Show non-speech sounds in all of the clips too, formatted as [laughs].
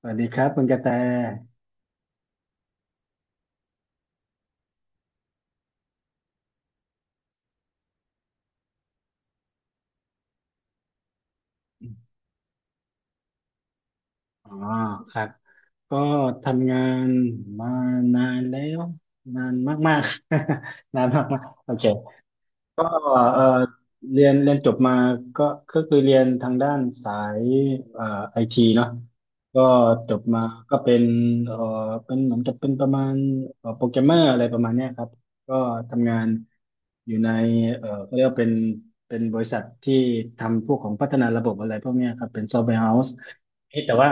สวัสดีครับคุณกระแต อ๋อครับ ก็ทำงานมานานแล้วนานมากๆ. [laughs] นานมากๆโอเค ก็เออเรียนจบมาก็ก็คือเรียนทางด้านสายเอ่อไอทีเนาะก็จบมาก็เป็นเอ่อเป็นเหมือนกับเป็นประมาณโปรแกรมเมอร์อะไรประมาณเนี้ยครับก็ทำงานอยู่ในเขาเรียกว่าเป็นบริษัทที่ทำพวกของพัฒนาระบบอะไรพวกเนี้ยครับเป็นซอฟต์แวร์เฮาส์แต่ว่า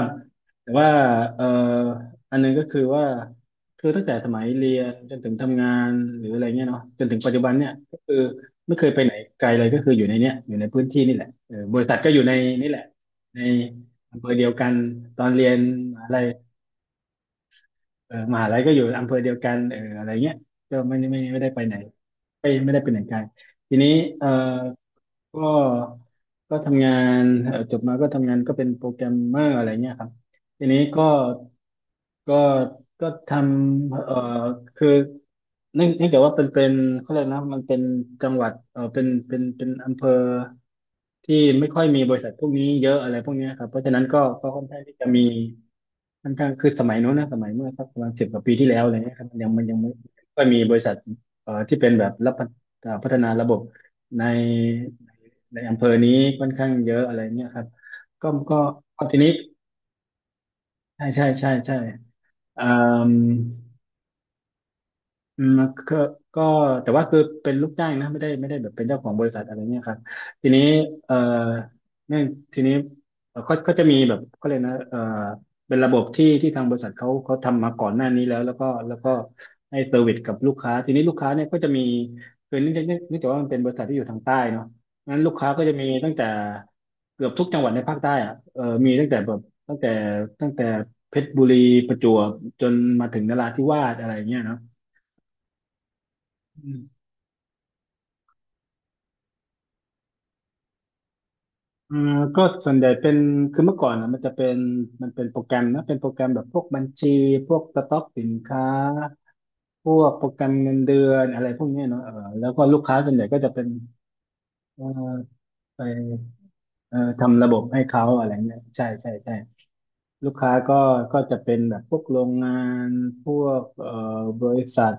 แต่ว่าเอ่ออันหนึงก็คือว่าคือตั้งแต่สมัยเรียนจนถึงทำงานหรืออะไรเงี้ยเนาะจนถึงปัจจุบันเนี่ยก็คือ ไม่เคยไปไหนไกลเลยก็คืออยู่ในเนี้ยอยู่ในพื้นที่นี่แหละเออบริษัทก็อยู่ในนี่แหละในอำเภอเดียวกัน ตอนเรียนมหาลัยเออมหาลัยก็อยู่อำเภอเดียวกันเอออะไรเงี้ยก็ไม่ไม่ได้ไปไหนไม่ได้ไปไหนไกลทีนี้เออก็ก็ทำงานจบมาก็ทำงานก็เป็นโปรแกรมเมอร์อะไรเงี้ยครับทีนี้ก็ก็ทำคือเนื่องจากว่าเป็นเขาเรียกนะมันเป็นจังหวัดเออเป็นอำเภอ ที่ไม่ค่อยมีบริษัทพวกนี้เยอะอะไรพวกเนี้ยครับเพราะฉะนั้นก็ค่อนข้างที่จะมีค่อนข้างคือสมัยโน้นนะสมัยเมื่อสักประมาณสิบกว่าปีที่แล้วอะไรเงี้ยครับมันยังไม่ค่อยมีบริษัทที่เป็นแบบรับพัฒเอ่อพัฒนาระบบในอำเภอนี้ค่อนข้างเยอะอะไรเงี้ยครับก็ก็ก็ทีนี้ใช่ใช่ใช่ใช่เอ่อ อืมก็ก็แต่ว่าคือเป็นลูกจ้างนะไม่ได้แบบเป็นเจ้าของบริษัทอะไรเนี่ยครับทีนี้เอ่อเนี่ยทีนี้เอ่อเขาจะมีแบบเขาเรียกนะเป็นระบบที่ทางบริษัทเขาทำมาก่อนหน้านี้แล้วแล้วก็ให้เซอร์วิสกับลูกค้าทีนี้ลูกค้าเนี่ยก็จะมีคือเนื่องจากว่ามันเป็นบริษัทที่อยู่ทางใต้เนาะงั้นลูกค้าก็จะมีตั้งแต่เกือบทุกจังหวัดในภาคใต้อะเออมีตั้งแต่แบบตั้งแต่ตั้งแต่เพชรบุรีประจวบจนมาถึงนราธิวาสอะไรเงี้ยเนาะ อ่าก็ส่วนใหญ่เป็นคือเมื่อก่อนนะมันเป็นโปรแกรมนะเป็นโปรแกรมแบบพวกบัญชีพวกสต็อกสินค้าพวกโปรแกรมเงินเดือนอะไรพวกเนี้ยเนาะเออแล้วก็ลูกค้าส่วนใหญ่ก็จะเป็นเอ่อไปเอ่อทำระบบให้เขาอะไรเงี้ยใช่ใช่ใช่ลูกค้าก็จะเป็นแบบพวกโรงงานพวกบริษัท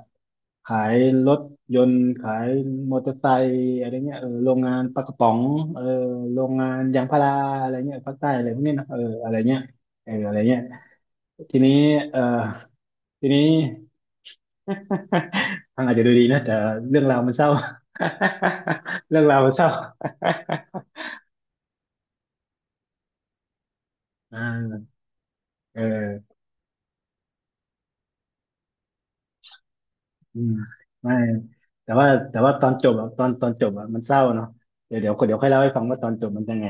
ขายรถยนต์ขายมอเตอร์ไซค์อะไรเงี้ยเออโรงงานปลากระป๋องเออโรงงานยางพาราอะไรเงี้ยภาคใต้อะไรพวกเนี้ยนะเอออะไรเงี้ยเอออะไรเงี้ยทีนี้เออทีนี้ [laughs] ฟังอาจจะดูดีนะแต่เรื่องราวมันเศร้า [laughs] เรื่องราวมันเศร้าอ่าเออ อืมไม่แต่ว่าตอนจบอะตอนจบอะมันเศร้าเนาะเดี๋ยวค่อยเล่าให้ฟังว่าตอนจบมันยังไง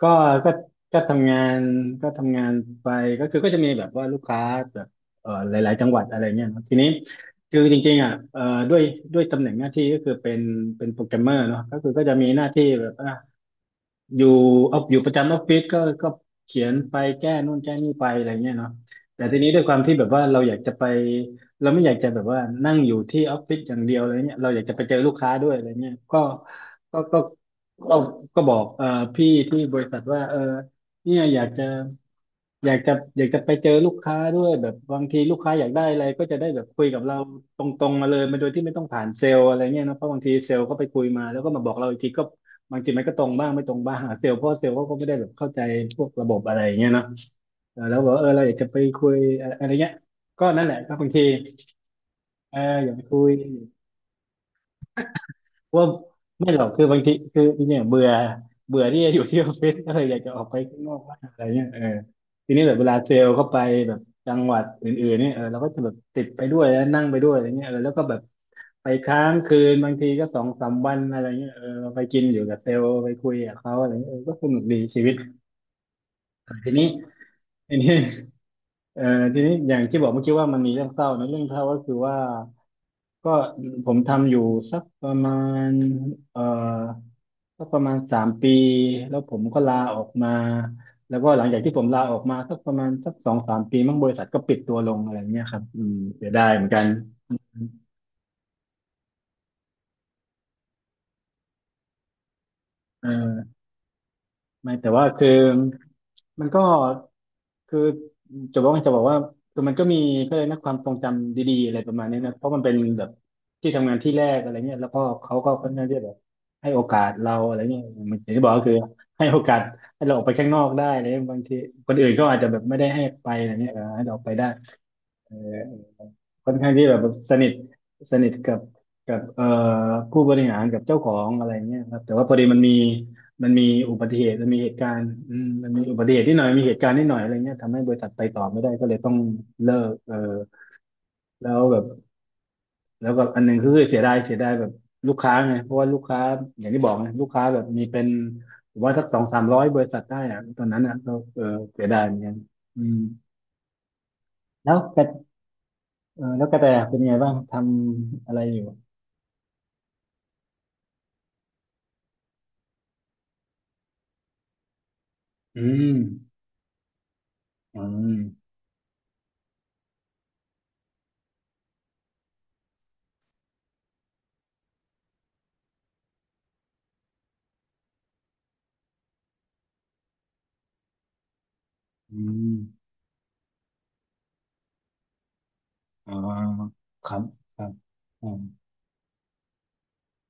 ก็ก็ก็ทำงานก็ทำงานไปก็คือก็จะมีแบบว่าลูกค้าแบบหลายๆจังหวัดอะไรเงี้ยเนอะทีนี้คือจริงๆอ่ะด้วยด้วยตำแหน่งหน้าที่ก็คือเป็นเป็นโปรแกรมเมอร์เนาะก็คือก็จะมีหน้าที่แบบ อยู่เอาอยู่ประจำออฟฟิศก็เขียนไปแก้นู่นแก้นี่ไปอะไรเงี้ยเนาะแต่ทีนี้ด้วยความที่แบบว่าเราอยากจะไปเราไม่อยากจะแบบว่านั่งอยู่ที่ออฟฟิศอย่างเดียวอะไรเงี้ยเราอยากจะไปเจอลูกค้าด้วยอะไรเงี้ยก็ก็ก็ก็บอกพี่ที่บริษัทว่าเออเนี่ยอยากจะอยากจะไปเจอลูกค้าด้วยแบบบางทีลูกค้าอยากได้อะไรก็จะได้แบบคุยกับเราตรงๆมาเลยมาโดยที่ไม่ต้องผ่านเซลล์อะไรเงี้ยนะเพราะบางทีเซลล์ก็ไปคุยมาแล้วก็มาบอกเราอีกทีก็บางทีมันก็ตรงบ้างไม่ตรงบ้างหาเซลล์เพราะเซลล์เขาก็ไม่ได้แบบเข้าใจพวกระบบอะไรเงี้ยเนาะเออแล้วบอกว่าเออเราอยากจะไปคุยอะไรเงี้ยก็นั่นแหละก็บางทีเอออยากไปคุย ว่าไม่หรอกคือบางทีคือเนี่ยเบื่อเบื่อที่จะอยู่ที่ออฟฟิศก็เลยอยากจะออกไปข้างนอกบ้างอะไรเงี้ยเออทีนี้แบบเวลาเซลล์เข้าไปแบบจังหวัดอื่นๆเนี่ยเออเราก็จะแบบติดไปด้วยแล้วนั่งไปด้วยอะไรเงี้ยเออแล้วก็แบบไปค้างคืนบางทีก็สองสามวันอะไรเงี้ยเออาไปกินอยู่กับเซลล์ไปคุยกับเขาอะไรเงี้ยเออก็สนุกดีชีวิตเออทีนี้เออทีนี้อย่างที่บอกเมื่อกี้ว่ามันมีเรื่องเศร้านะเรื่องเศร้าก็คือว่าก็ผมทำอยู่สักประมาณเอ่อ ก็ประมาณสามปีแล้วผมก็ลาออกมาแล้วก็หลังจากที่ผมลาออกมาสักประมาณสักสองสามปีมั่งบริษัทก็ปิดตัวลงอะไรเงี้ยครับอืมเสียดายเหมือนกันเออ ไม่แต่ว่าคือมันก็คือจะบอกว่าคือมันก็มีก็เลยนะความทรงจำดีๆอะไรประมาณนี้นะเพราะมันเป็นแบบที่ทำงานที่แรกอะไรเงี้ยแล้วก็เขาก็ค่อนข้างที่จะแบบให้โอกาสเราอะไรเงี้ยมันอย่างที่บอกก็คือให้โอกาสให้เราออกไปข้างนอกได้อะไรเลยบางทีคนอื่นก็อาจจะแบบไม่ได้ให้ไปอะไรเงี้ยเออให้เราออกไปได้ เออค่อนข้างที่แบบสนิทสนิทกับกับผู้บริหารกับเจ้าของอะไรเงี้ยครับแต่ว่าพอดีมันมีอุบัติเหตุมันมีเหตุการณ์อืมมันมีอุบัติเหตุนิดหน่อยมีเหตุการณ์นิดหน่อยอะไรเงี้ยทำให้บริษัทไปต่อไม่ได้ก็เลยต้องเลิกเออแล้วแบบแล้วก็อันหนึงคือเสียดายแบบลูกค้าไงเพราะว่าลูกค้าอย่างที่บอกไงลูกค้าแบบมีเป็นผมว่าสักสองสามร้อยบริษัทได้อะตอนนั้นอ่ะก็เออเสียดายเหมือนกันอืมแล้วกระเออแล้วกระแตเป็นไงบ้างทำอะไรอยู่ อืมอืมอืมอ่าครับครับอื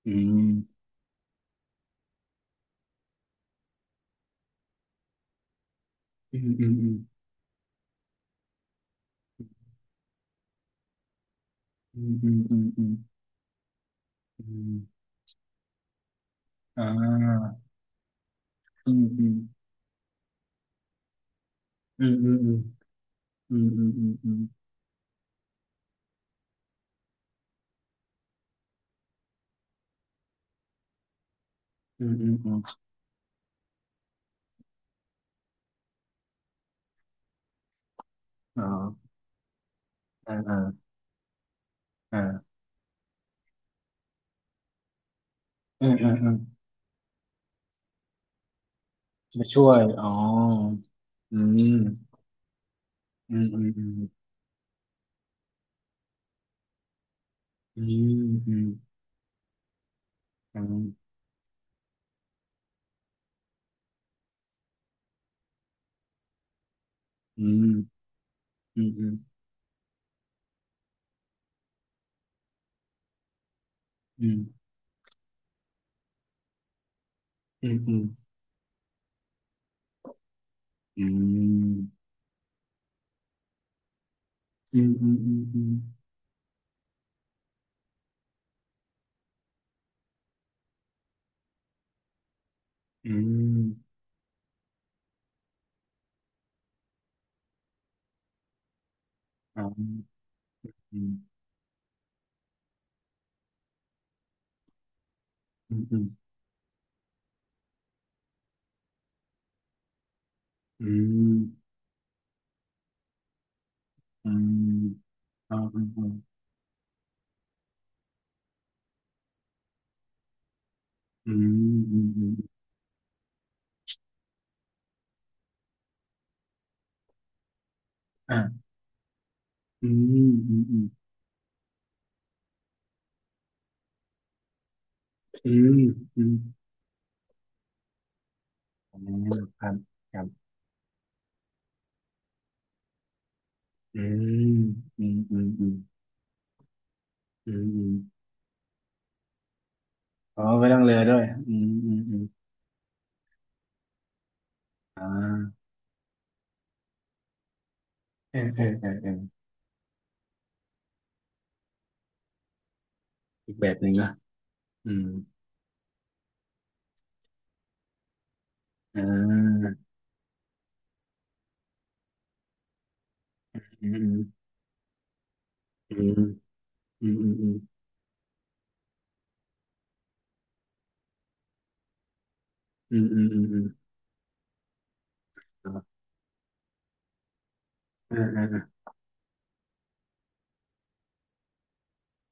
มอืมอืมอืมอืมอืมอืมอืมอืมอ่าอืมอืมอืมอืมอืมอืมอืมอืมอืมอืมอืมอ่าอ่าอ่าอ่าอืมอืมอืมมาช่วยอ๋ออืมอืมอืมอืมอืมอืมอืมอืมอืมอืมอืมอืมอืมอืมอืมอืมอืมอืมอืมอ๋อ อืมอืมอืมอืมอืมอืมอืมอืมอ่าอืมอืมอืมอืมอืมอืมครับครับอืมอืมอืมอืมอืมอืมอ๋อไม่ต้องเลอด้วยอืมอืมอืมอ่าเออเออเออเอออีกแบบหนึ่งนะอืมอ่าอืมอืมอืมอืมอืมอืมอืมอืมอืมอ่าอ่าอ่า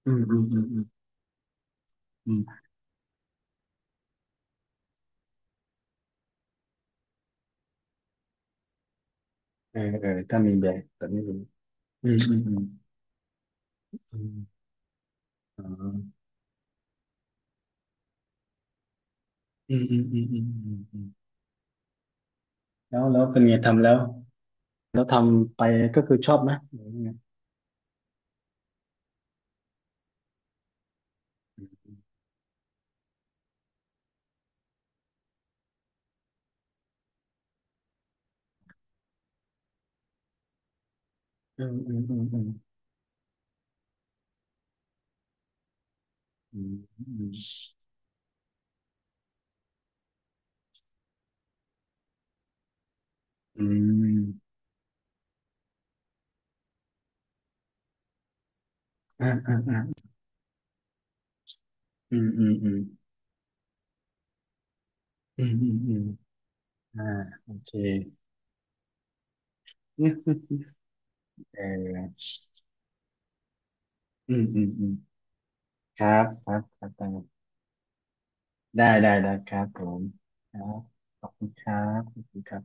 อืมอืมอืมอืมเออเออถ้ามีแบบแบบนี้อืมอืมอืม อ๋ออืมอืมอืมอืมอืมอืมแล้วแล้วเป็นไงทำแล้วแล้วทำไปก็คือชอบไหมหรือยังไงอืมอืมอืมอืมอืมอืมอืมอ่าอ่าอ่าอืมอืมอืมอืมอืมอืมอ่าโอเคอืมอืมเอออืมอืมอืมครับครับครับได้ได้ได้ครับผมครับขอบคุณครับขอบคุณครับ